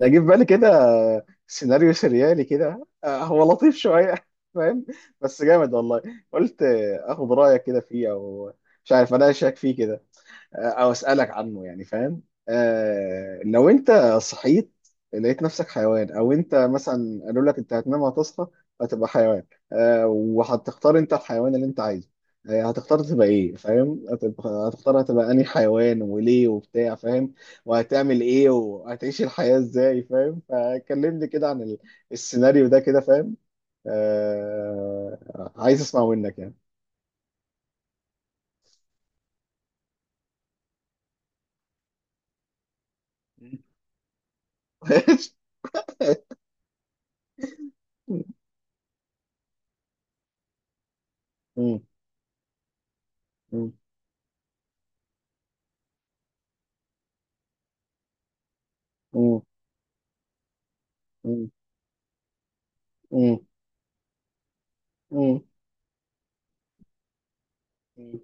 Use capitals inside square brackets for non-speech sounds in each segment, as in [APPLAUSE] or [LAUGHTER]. ده جه في بالي كده، سيناريو سريالي كده، هو لطيف شوية. [LAUGHS] فاهم. بس جامد والله. قلت اخد رأيك كده فيه، او مش عارف اناقشك فيه كده، او اسالك عنه، يعني فاهم. لو انت صحيت لقيت نفسك حيوان، او انت مثلا قالوا لك انت هتنام وهتصحى هتبقى حيوان. وهتختار انت الحيوان اللي انت عايزه. هتختار تبقى ايه، فاهم، هتبقى هتبقى انهي حيوان وليه وبتاع فاهم، وهتعمل ايه وهتعيش الحياة ازاي، فاهم. فكلمني كده عن السيناريو ده كده، فاهم. عايز اسمع منك يعني. [LAUGHS] مم. مم. مم. مم. مم. مم.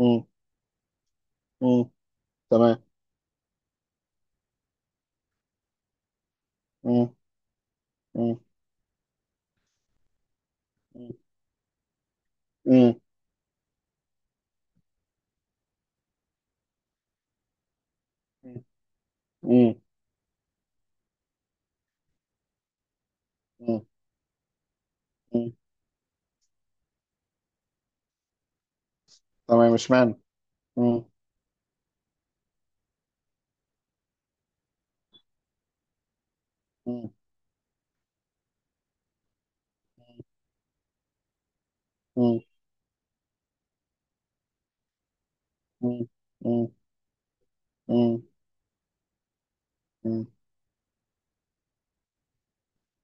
مم. مم. تمام. مم. مم. مم. مم. مم. مم. مم. تمام مش معنى. مم. مم. مم. مم. مم. مم. مم.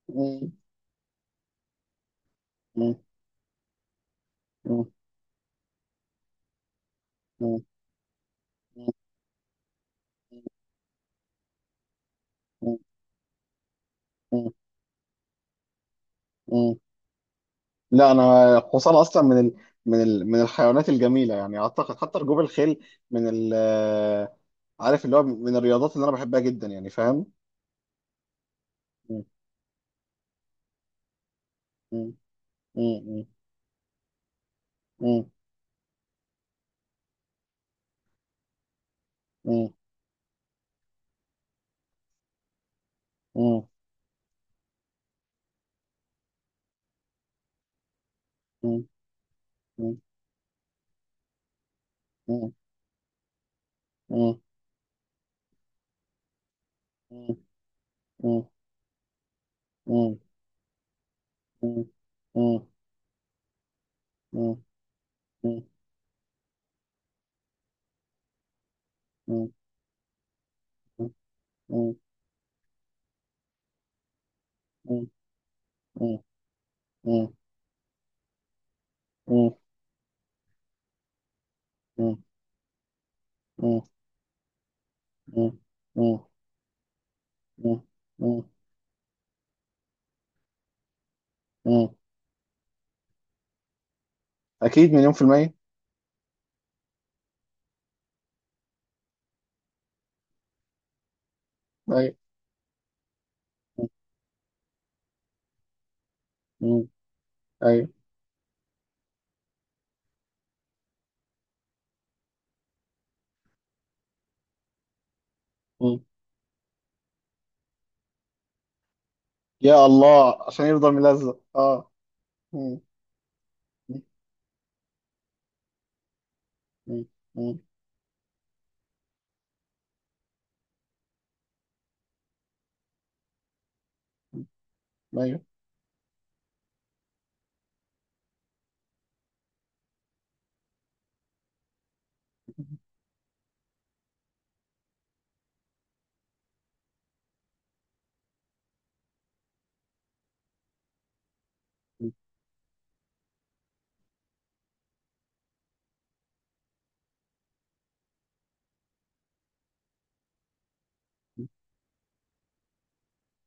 مم. مم. مم. مم. مم. لا، انا قوصان اصلا من الحيوانات الجميله، يعني اعتقد حتى ركوب الخيل من ال... عارف اللي هو من الرياضات اللي انا بحبها جدا، يعني فاهم. مم. مم. مم. مم. مم. مم. مم. مم. مم. مم. مم. مم. مم. مم. مم. مم. مم. مم. مم. مم. مم. أكيد مليون في المية. أيوة. مم. أيوة. مم. يا الله، عشان يفضل ملزق أه. مم. مم. مم. مم. أيوة. مم.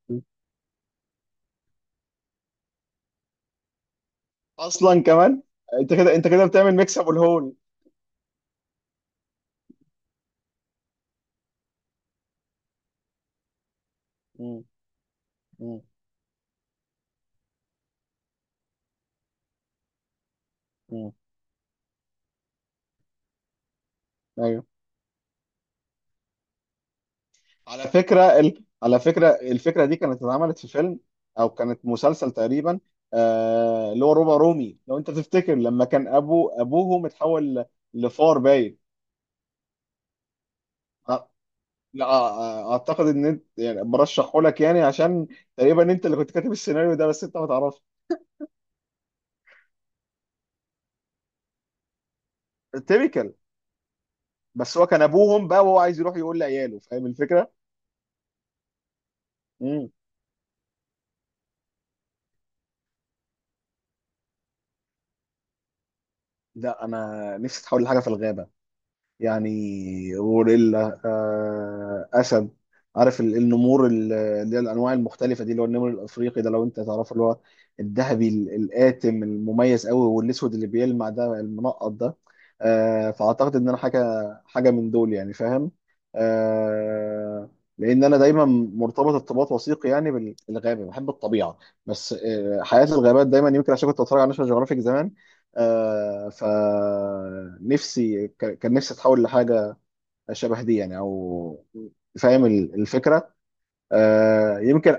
مم. أصلا كمان، أنت كده بتعمل ميكس أبو الهول. مم. مم. مم. أيوة. على فكرة الفكرة دي كانت اتعملت في فيلم، أو كانت مسلسل تقريبا. اللي هو روبا رومي، لو أنت تفتكر لما كان أبوه متحول لفار باين. أ- لا، أعتقد إن أنت يعني برشحه لك، يعني عشان تقريبا أنت اللي كنت كاتب السيناريو ده بس أنت ما تعرفش. تيبيكال. بس هو كان أبوهم بقى، وهو عايز يروح يقول لعياله، فاهم الفكرة؟ امم لا، أنا نفسي أتحول لحاجة في الغابة، يعني غوريلا، اسد. عارف النمور، اللي هي الانواع المختلفه دي، اللي هو النمر الافريقي ده لو انت تعرفه، اللي هو الذهبي القاتم المميز قوي، والاسود اللي بيلمع ده، المنقط ده. فاعتقد ان انا حاجه من دول يعني فاهم. آه، لان انا دايما مرتبط ارتباط وثيق يعني بالغابه، بحب الطبيعه، بس حياه الغابات دايما، يمكن عشان كنت بتفرج على ناشونال جيوغرافيك زمان. فنفسي كان نفسي اتحول لحاجه شبه دي يعني، او فاهم الفكره، يمكن.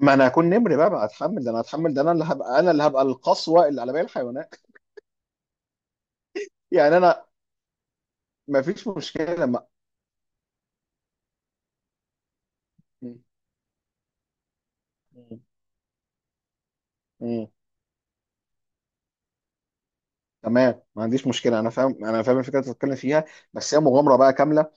ما انا هكون نمر بقى، ما هتحمل ده، انا هتحمل ده، انا اللي هبقى، انا اللي هبقى القسوه اللي على باقي الحيوانات، يعني انا ما فيش مشكله ما... م- م- م- تمام، ما عنديش مشكله، انا فاهم، انا فاهم الفكره اللي بتتكلم فيها، بس هي مغامره بقى كامله،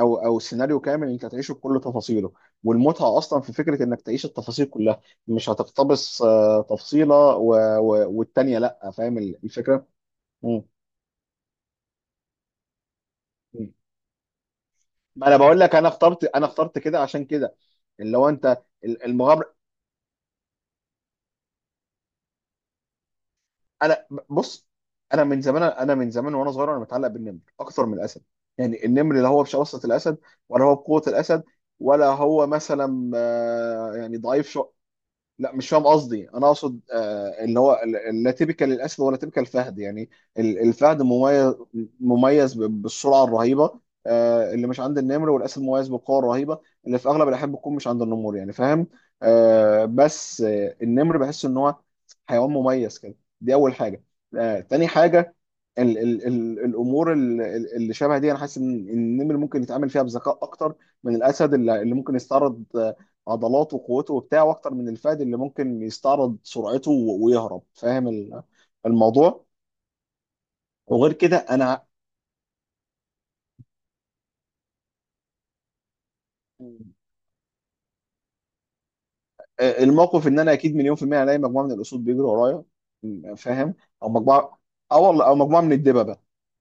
او او سيناريو كامل انت هتعيشه بكل تفاصيله، والمتعه اصلا في فكره انك تعيش التفاصيل كلها، مش هتقتبس تفصيله والتانيه، لا، فاهم الفكره؟ مم. مم. ما انا بقول لك، انا اخترت، كده عشان كده، اللي هو انت المغامره. انا بص، انا من زمان، انا من زمان وانا صغير، انا متعلق بالنمر اكثر من الاسد، يعني النمر لا هو بشراسه الاسد، ولا هو بقوه الاسد، ولا هو مثلا يعني ضعيف شو. لا، مش فاهم قصدي، انا اقصد اللي هو لا تيبيكال الاسد ولا تيبيكال الفهد يعني. الفهد مميز، مميز بالسرعه الرهيبه، اللي مش عند النمر، والاسد مميز بالقوه الرهيبه اللي في اغلب الاحيان بتكون مش عند النمور، يعني فاهم. بس النمر بحس ان هو حيوان مميز كده، دي اول حاجه. تاني حاجه، ال ال ال الامور اللي شبه دي، انا حاسس ان إن النمر ممكن يتعامل فيها بذكاء اكتر من الاسد، اللي ممكن يستعرض عضلاته وقوته وبتاع، واكتر من الفهد اللي ممكن يستعرض سرعته ويهرب، فاهم الموضوع. وغير كده انا الموقف ان انا اكيد مليون في المية الاقي مجموعة من الاسود بيجروا ورايا، فاهم، او مجموعة، اه والله، او مجموعة من الدببة.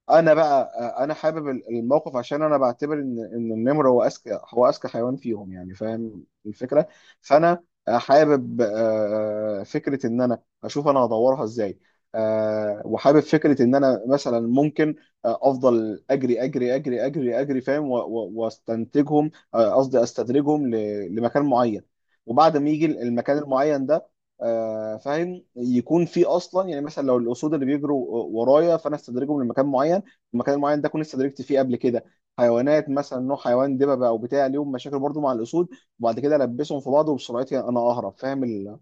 انا بقى انا حابب الموقف، عشان انا بعتبر ان النمر هو اذكى، هو اذكى حيوان فيهم، يعني فاهم الفكره. فانا حابب فكره ان انا اشوف انا هدورها ازاي. وحابب فكره ان انا مثلا ممكن افضل اجري اجري اجري اجري اجري، فاهم، واستنتجهم، قصدي استدرجهم لمكان معين. وبعد ما يجي المكان المعين ده، فاهم، يكون في اصلا يعني مثلا لو الاسود اللي بيجروا ورايا، فانا استدرجهم لمكان معين. المكان المعين ده كنت استدركت فيه قبل كده حيوانات، مثلا نوع حيوان دببه او بتاع، ليهم مشاكل برضو مع الاسود، وبعد كده البسهم في بعض وبسرعتي انا اهرب، فاهم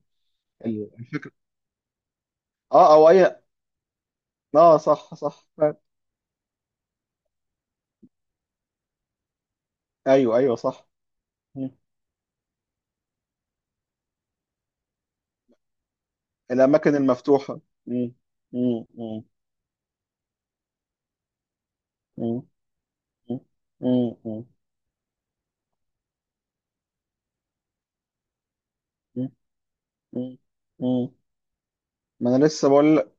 ال... اه، او اي، اه صح صح فاهم. ايوه ايوه صح. مم. الاماكن المفتوحه. مم. مم. مم. مم. مم. مم. مم. مم. مم. ما انا لسه بقول.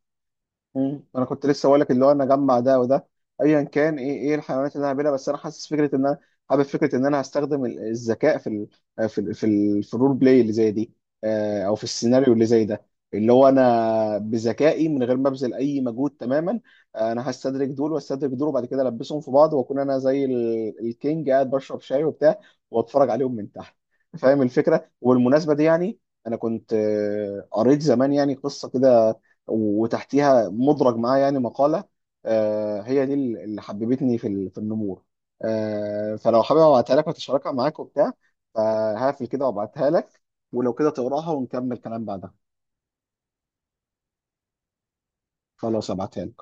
مم. انا كنت لسه بقول لك اللي هو انا اجمع ده وده، ايا كان ايه ايه الحيوانات اللي انا هعملها، بس انا حاسس فكره ان انا حابب فكره ان انا هستخدم الذكاء في ال في ال في, ال في الرول بلاي اللي زي دي، او في السيناريو اللي زي ده، اللي هو انا بذكائي من غير ما ابذل اي مجهود تماما. انا هستدرك دول واستدرك دول، وبعد كده البسهم في بعض، واكون انا زي الكينج قاعد بشرب شاي وبتاع، واتفرج عليهم من تحت، فاهم الفكره. وبالمناسبه دي يعني انا كنت قريت زمان يعني قصه كده، وتحتيها مدرج معاه يعني مقالة، هي دي اللي حببتني في في النمور. فلو حابب ابعتها لك وتشاركها معاك وبتاع، فهقفل كده وابعتها لك، ولو كده تقراها ونكمل كلام بعدها. خلاص ابعتها لك.